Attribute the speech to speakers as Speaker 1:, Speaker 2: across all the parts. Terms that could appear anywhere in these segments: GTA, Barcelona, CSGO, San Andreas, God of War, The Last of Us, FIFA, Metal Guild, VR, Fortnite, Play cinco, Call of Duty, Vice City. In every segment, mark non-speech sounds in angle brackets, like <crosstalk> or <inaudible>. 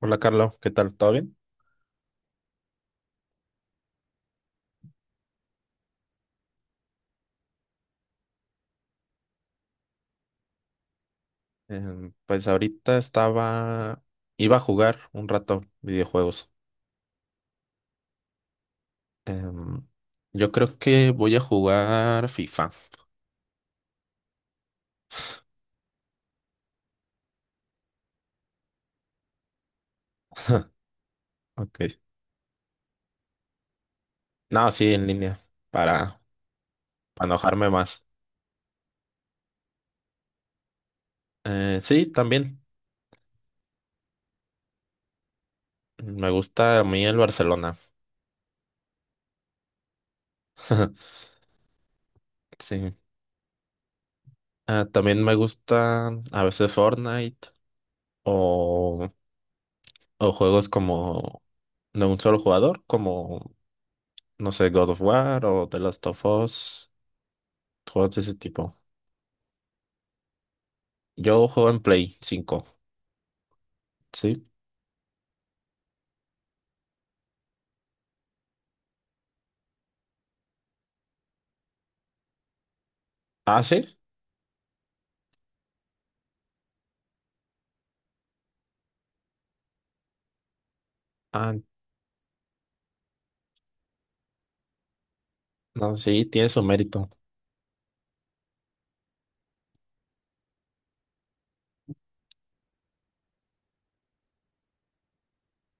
Speaker 1: Hola Carlos, ¿qué tal? ¿Todo bien? Pues ahorita estaba, iba a jugar un rato videojuegos. Em, yo creo que voy a jugar FIFA. <laughs> Ok. No, sí, en línea, para, para enojarme más. Sí, también. Me gusta a mí el Barcelona. <laughs> Sí. Ah, también me gusta a veces Fortnite o, o juegos como de un solo jugador, como, no sé, God of War o The Last of Us. Juegos de ese tipo. Yo juego en Play 5. ¿Sí? ¿Ah, sí? Ah, no, sí, tiene su mérito.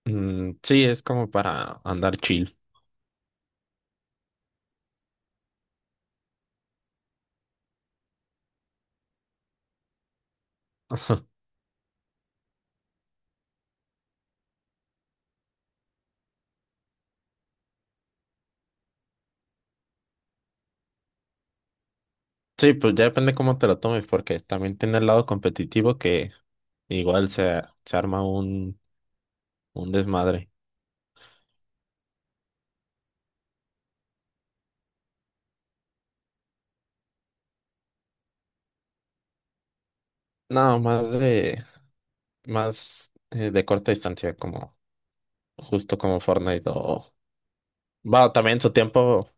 Speaker 1: Mm, sí, es como para andar chill. Sí, pues ya depende cómo te lo tomes, porque también tiene el lado competitivo que igual se arma un desmadre. No, más de corta distancia, como justo como Fortnite o... Bueno, también en su tiempo,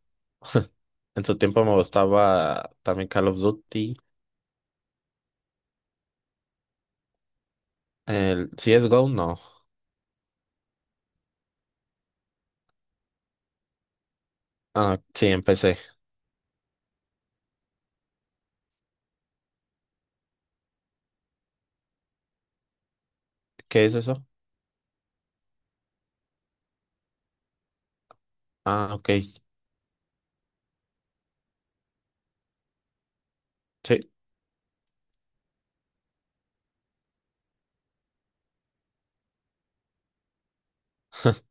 Speaker 1: en su tiempo me gustaba también Call of Duty. El CSGO, no. Ah, sí, empecé. ¿Qué es eso? Ah, ok. Sí. <laughs>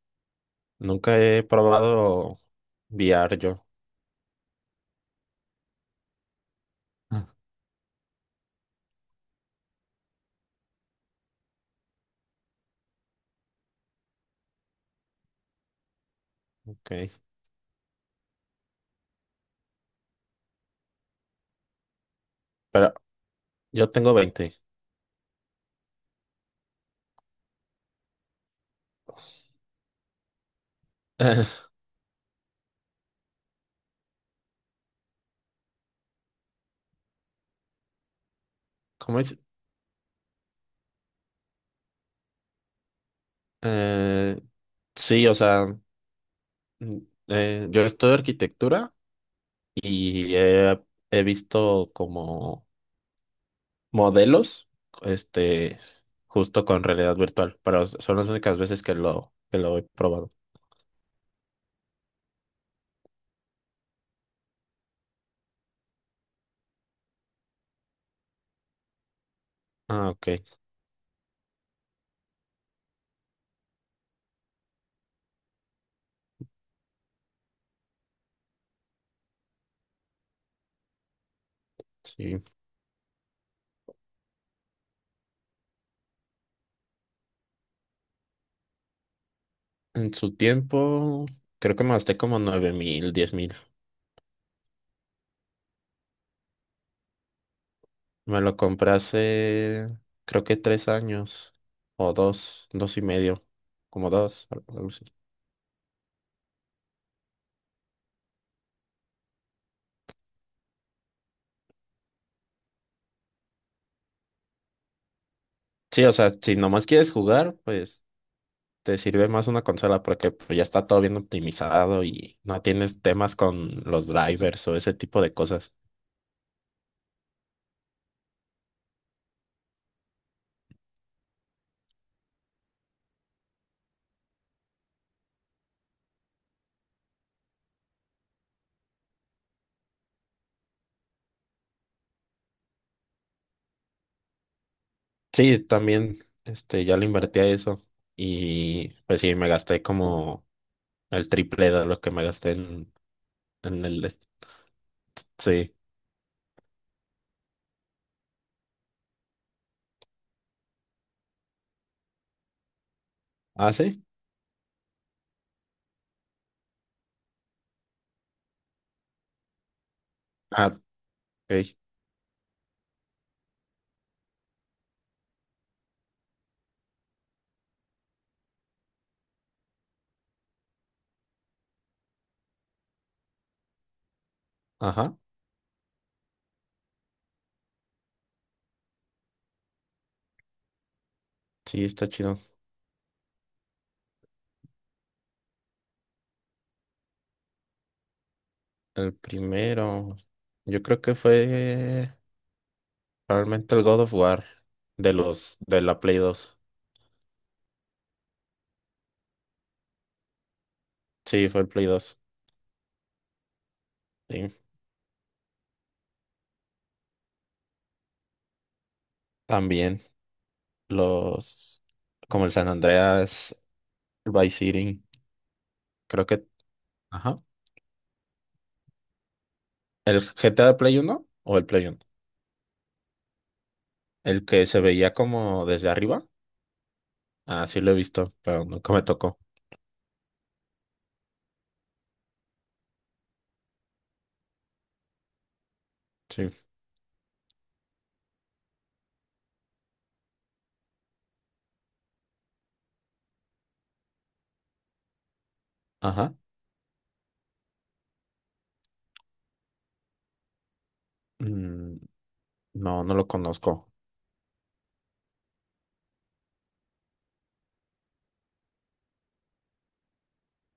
Speaker 1: Nunca he probado VR yo. <laughs> Ok. Pero yo tengo 20. <laughs> ¿Cómo es? Eh, sí, o sea, mm, yo estudio arquitectura y he visto como modelos, este, justo con realidad virtual, pero son las únicas veces que lo he probado. Ah, ok, sí. En su tiempo, creo que me gasté como 9,000, 10,000. Me lo compré hace, creo que 3 años o dos, dos y medio, como dos, algo así. Sí, o sea, si nomás quieres jugar, pues te sirve más una consola porque pues, ya está todo bien optimizado y no tienes temas con los drivers o ese tipo de cosas. Sí, también, ya le invertí a eso y pues sí, me gasté como el triple de lo que me gasté en. Sí. ¿Ah, sí? Ah, ok. Ajá. Sí, está chido. El primero, yo creo que fue probablemente el God of War de los de la Play 2. Sí, fue el Play 2. Sí. También los como el San Andreas, el Vice City, creo que ajá. El GTA de Play 1 o el Play 1, el que se veía como desde arriba. Ah, sí lo he visto, pero nunca me tocó. Sí. Ajá. Mm, no, no lo conozco.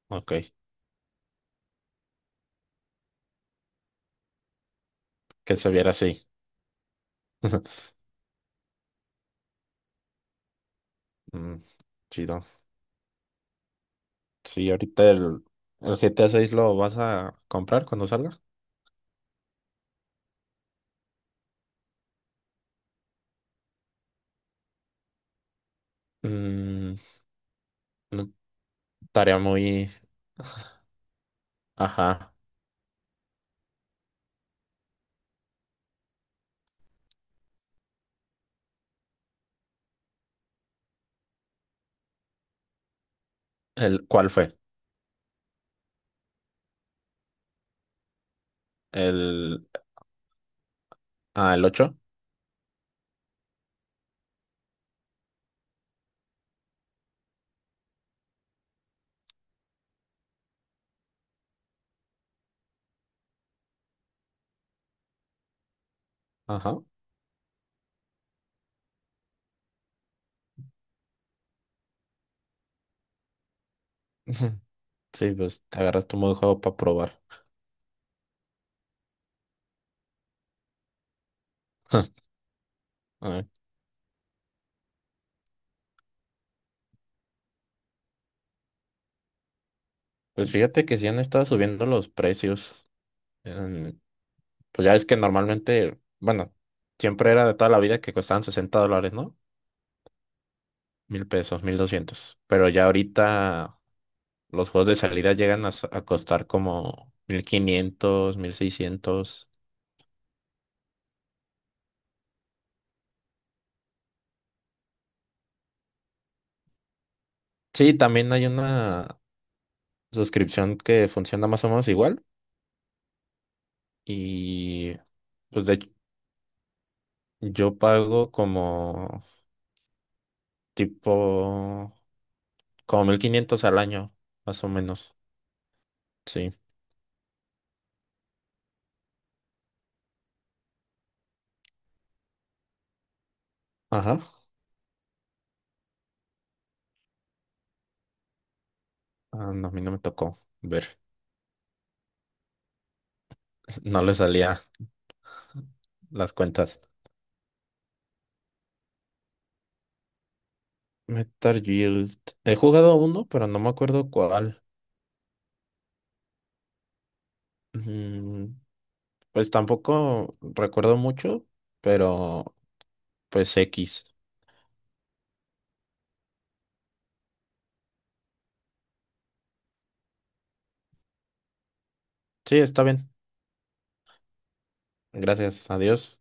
Speaker 1: Ok, que se viera así. <laughs> Mm, chido. Sí, ahorita el GTA 6 lo vas a comprar cuando salga. Mm, no, tarea muy... Ajá. ¿Cuál fue? El... Ah, el ocho. Ajá. <laughs> Sí, pues te agarras tu modo de juego para probar. <laughs> Ay, pues fíjate que sí han estado subiendo los precios. Em, pues ya es que normalmente, bueno, siempre era de toda la vida que costaban $60, ¿no? 1,000 pesos, 1,200. Pero ya ahorita los juegos de salida llegan a costar como 1,500, 1,600. Sí, también hay una suscripción que funciona más o menos igual. Y pues de hecho, yo pago como tipo, como 1,500 al año, más o menos. Sí. Ajá. Ah, no, a mí no me tocó ver. <laughs> No le salía las cuentas. Metal Guild. He jugado uno, pero no me acuerdo cuál. Mm. Pues tampoco recuerdo mucho, pero pues X. Sí, está bien. Gracias. Adiós.